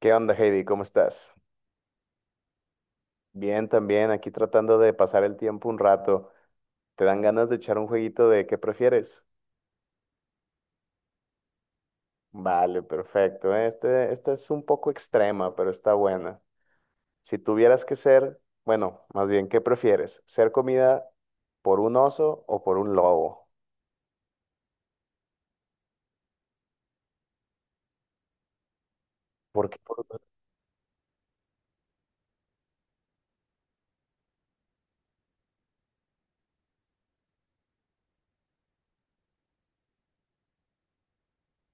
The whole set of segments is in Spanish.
¿Qué onda, Heidi? ¿Cómo estás? Bien, también aquí tratando de pasar el tiempo un rato. ¿Te dan ganas de echar un jueguito de qué prefieres? Vale, perfecto. Esta es un poco extrema, pero está buena. Si tuvieras que ser, bueno, más bien, ¿qué prefieres? ¿Ser comida por un oso o por un lobo? ¿Por qué?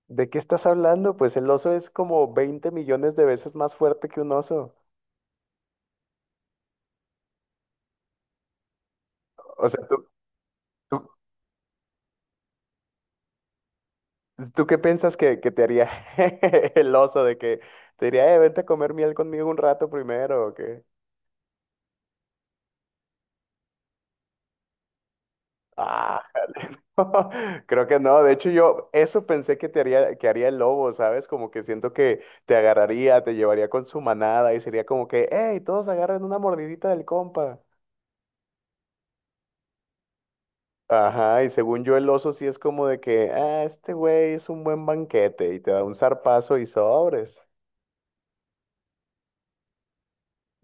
¿De qué estás hablando? Pues el oso es como 20 millones de veces más fuerte que un oso. O sea, tú, tú ¿Tú qué piensas que te haría el oso de que te diría, vente a comer miel conmigo un rato primero o qué? Ah, jale, no, creo que no. De hecho, yo eso pensé que te haría, que haría el lobo, ¿sabes? Como que siento que te agarraría, te llevaría con su manada y sería como que, hey, todos agarren una mordidita del compa. Ajá, y según yo el oso sí es como de que, ah, este güey es un buen banquete y te da un zarpazo y sobres.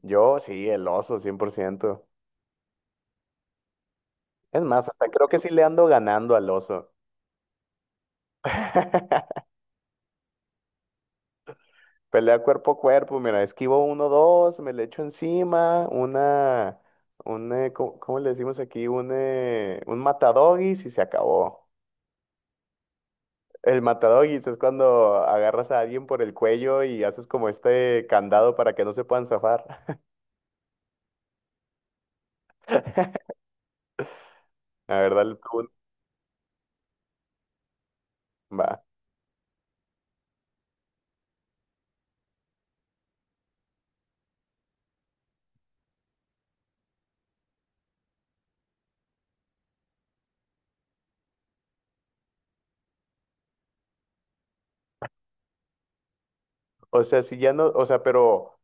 Yo sí, el oso, 100%. Es más, hasta creo que sí le ando ganando al oso. Pelea cuerpo a cuerpo, mira, esquivo uno, dos, me le echo encima, ¿cómo le decimos aquí? Un matadogis y se acabó. El matadogis es cuando agarras a alguien por el cuello y haces como este candado para que no se puedan zafar. La verdad, va. O sea, si ya no, o sea, pero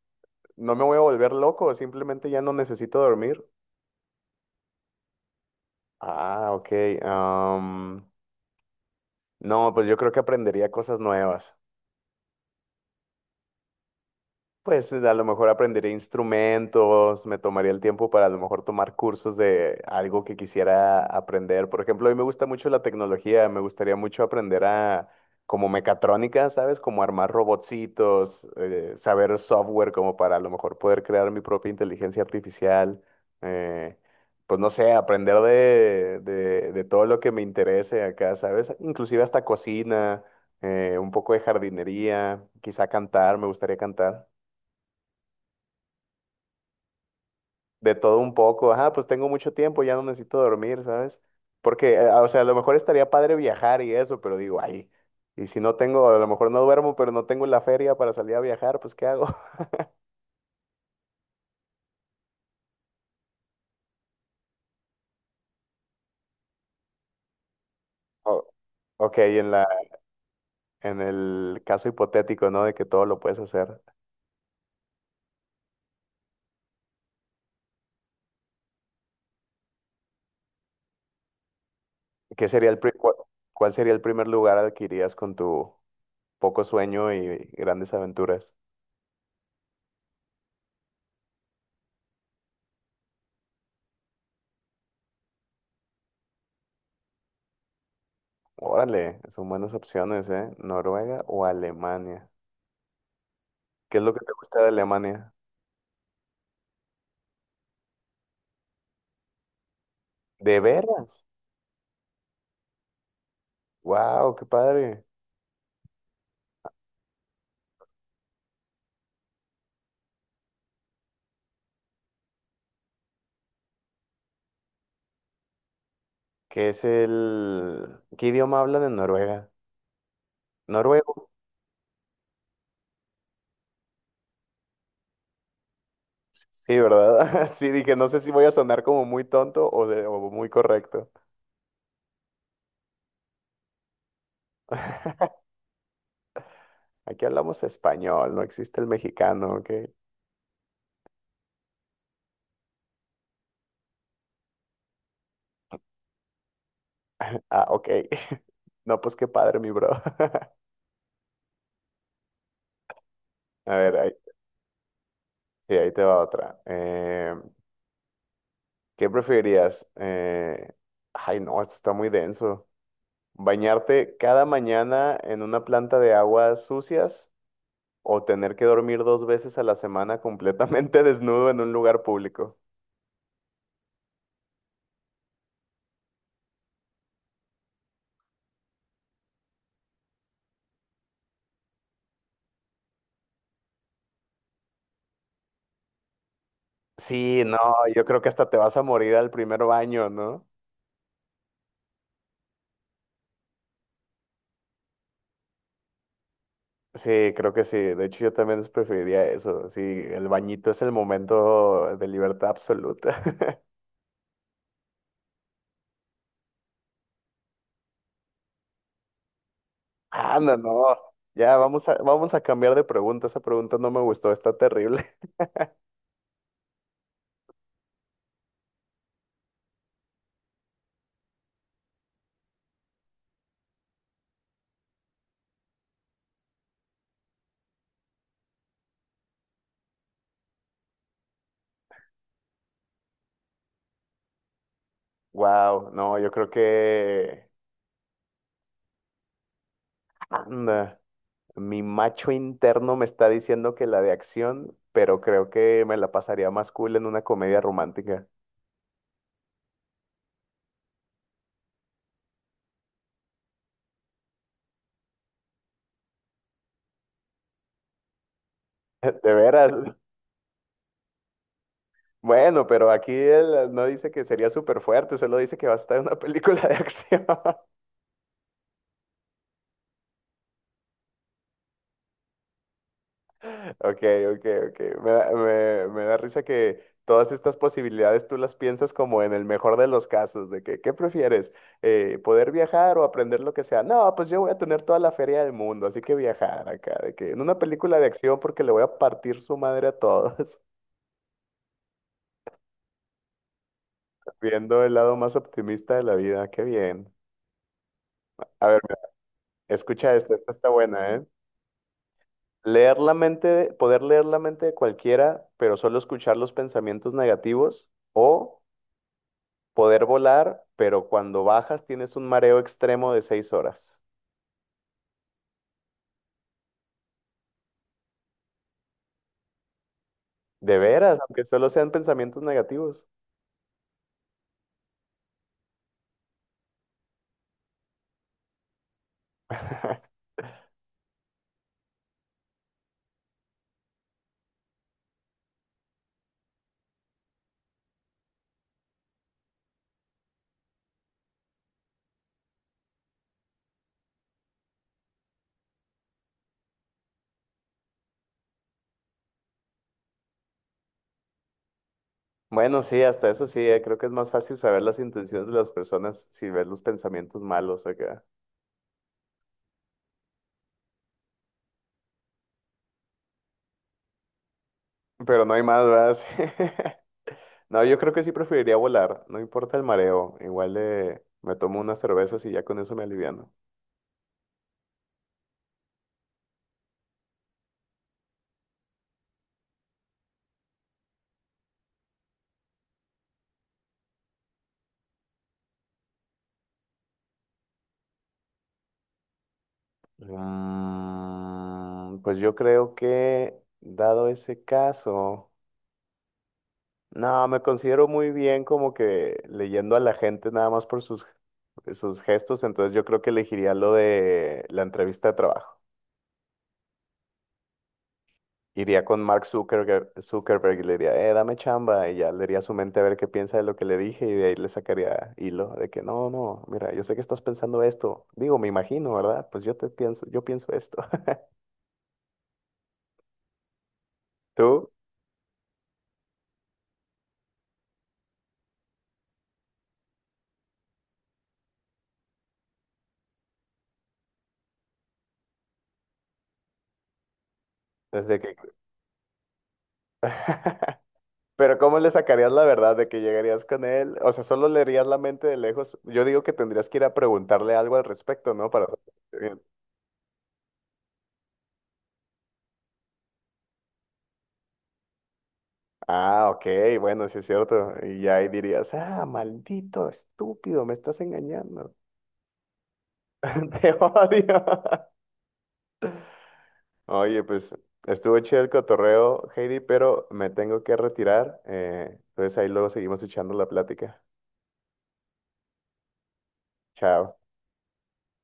no me voy a volver loco, simplemente ya no necesito dormir. Ah, ok. am, No, pues yo creo que aprendería cosas nuevas. Pues a lo mejor aprendería instrumentos, me tomaría el tiempo para a lo mejor tomar cursos de algo que quisiera aprender. Por ejemplo, a mí me gusta mucho la tecnología, me gustaría mucho aprender a como mecatrónica, ¿sabes? Como armar robotcitos, saber software como para a lo mejor poder crear mi propia inteligencia artificial. eh, pues no sé, aprender de todo lo que me interese acá, ¿sabes? Inclusive hasta cocina, un poco de jardinería, quizá cantar, me gustaría cantar. De todo un poco. Ajá, pues tengo mucho tiempo, ya no necesito dormir, ¿sabes? Porque, o sea, a lo mejor estaría padre viajar y eso, pero digo, ay, y si no tengo, a lo mejor no duermo, pero no tengo la feria para salir a viajar, pues ¿qué hago? O- ok, en el caso hipotético, ¿no? De que todo lo puedes hacer. ¿Qué sería el pri- cua- cuál sería el primer lugar al que irías con tu poco sueño y grandes aventuras? Órale, son buenas opciones, ¿eh? Noruega o Alemania. ¿Qué es lo que te gusta de Alemania? ¿De veras? Wow, qué padre. ¿Qué es el... ¿Qué idioma hablan en Noruega? Noruego. Sí, ¿verdad? Sí, dije, no sé si voy a sonar como muy tonto o muy correcto. Aquí hablamos español, no existe el mexicano, ¿ok? Ah, ok. No, pues qué padre, mi bro. A ver, ahí, sí, ahí te va otra. ¿Qué preferirías? Ay, no, esto está muy denso. ¿Bañarte cada mañana en una planta de aguas sucias o tener que dormir dos veces a la semana completamente desnudo en un lugar público? Sí, no, yo creo que hasta te vas a morir al primer baño, ¿no? Sí, creo que sí. De hecho, yo también preferiría eso. Sí, el bañito es el momento de libertad absoluta. Ah, no, no. Ya vamos a cambiar de pregunta. Esa pregunta no me gustó, está terrible. Wow, no, yo creo que... Anda. Mi macho interno me está diciendo que la de acción, pero creo que me la pasaría más cool en una comedia romántica. De veras. Bueno, pero aquí él no dice que sería súper fuerte, solo dice que va a estar en una película de acción. Ok, ok, ok. Me da risa que todas estas posibilidades tú las piensas como en el mejor de los casos, de que, ¿qué prefieres? ¿Poder viajar o aprender lo que sea? No, pues yo voy a tener toda la feria del mundo, así que viajar acá, de que en una película de acción porque le voy a partir su madre a todos, viendo el lado más optimista de la vida, qué bien. A ver, escucha esta, esta está buena, ¿eh? Leer la mente, de- poder leer la mente de cualquiera, pero solo escuchar los pensamientos negativos o poder volar, pero cuando bajas tienes un mareo extremo de 6 horas. De veras, aunque solo sean pensamientos negativos. Bueno, sí, hasta eso sí, creo que es más fácil saber las intenciones de las personas si ves los pensamientos malos acá. Pero no hay más, ¿verdad? Sí. No, yo creo que sí preferiría volar, no importa el mareo, igual me tomo unas cervezas y ya con eso me aliviano. Mm, pues yo creo que, dado ese caso... No, me considero muy bien como que leyendo a la gente nada más por sus gestos, entonces yo creo que elegiría lo de la entrevista de trabajo. Iría con Mark Zuckerberg y le diría, dame chamba, y ya leería su mente a ver qué piensa de lo que le dije y de ahí le sacaría hilo de que no, no, mira, yo sé que estás pensando esto. Digo, me imagino, ¿verdad? Pues yo pienso esto. ¿Tú? Desde que... Pero ¿cómo le sacarías la verdad de que llegarías con él? O sea, solo leerías la mente de lejos. Yo digo que tendrías que ir a preguntarle algo al respecto, ¿no? Para... saber. Bien. Ah, ok, bueno, sí es cierto. Y ya ahí dirías, ah, maldito, estúpido, me estás engañando. Te odio. Oye, pues estuvo chido el cotorreo, Heidi, pero me tengo que retirar. Entonces ahí luego seguimos echando la plática. Chao.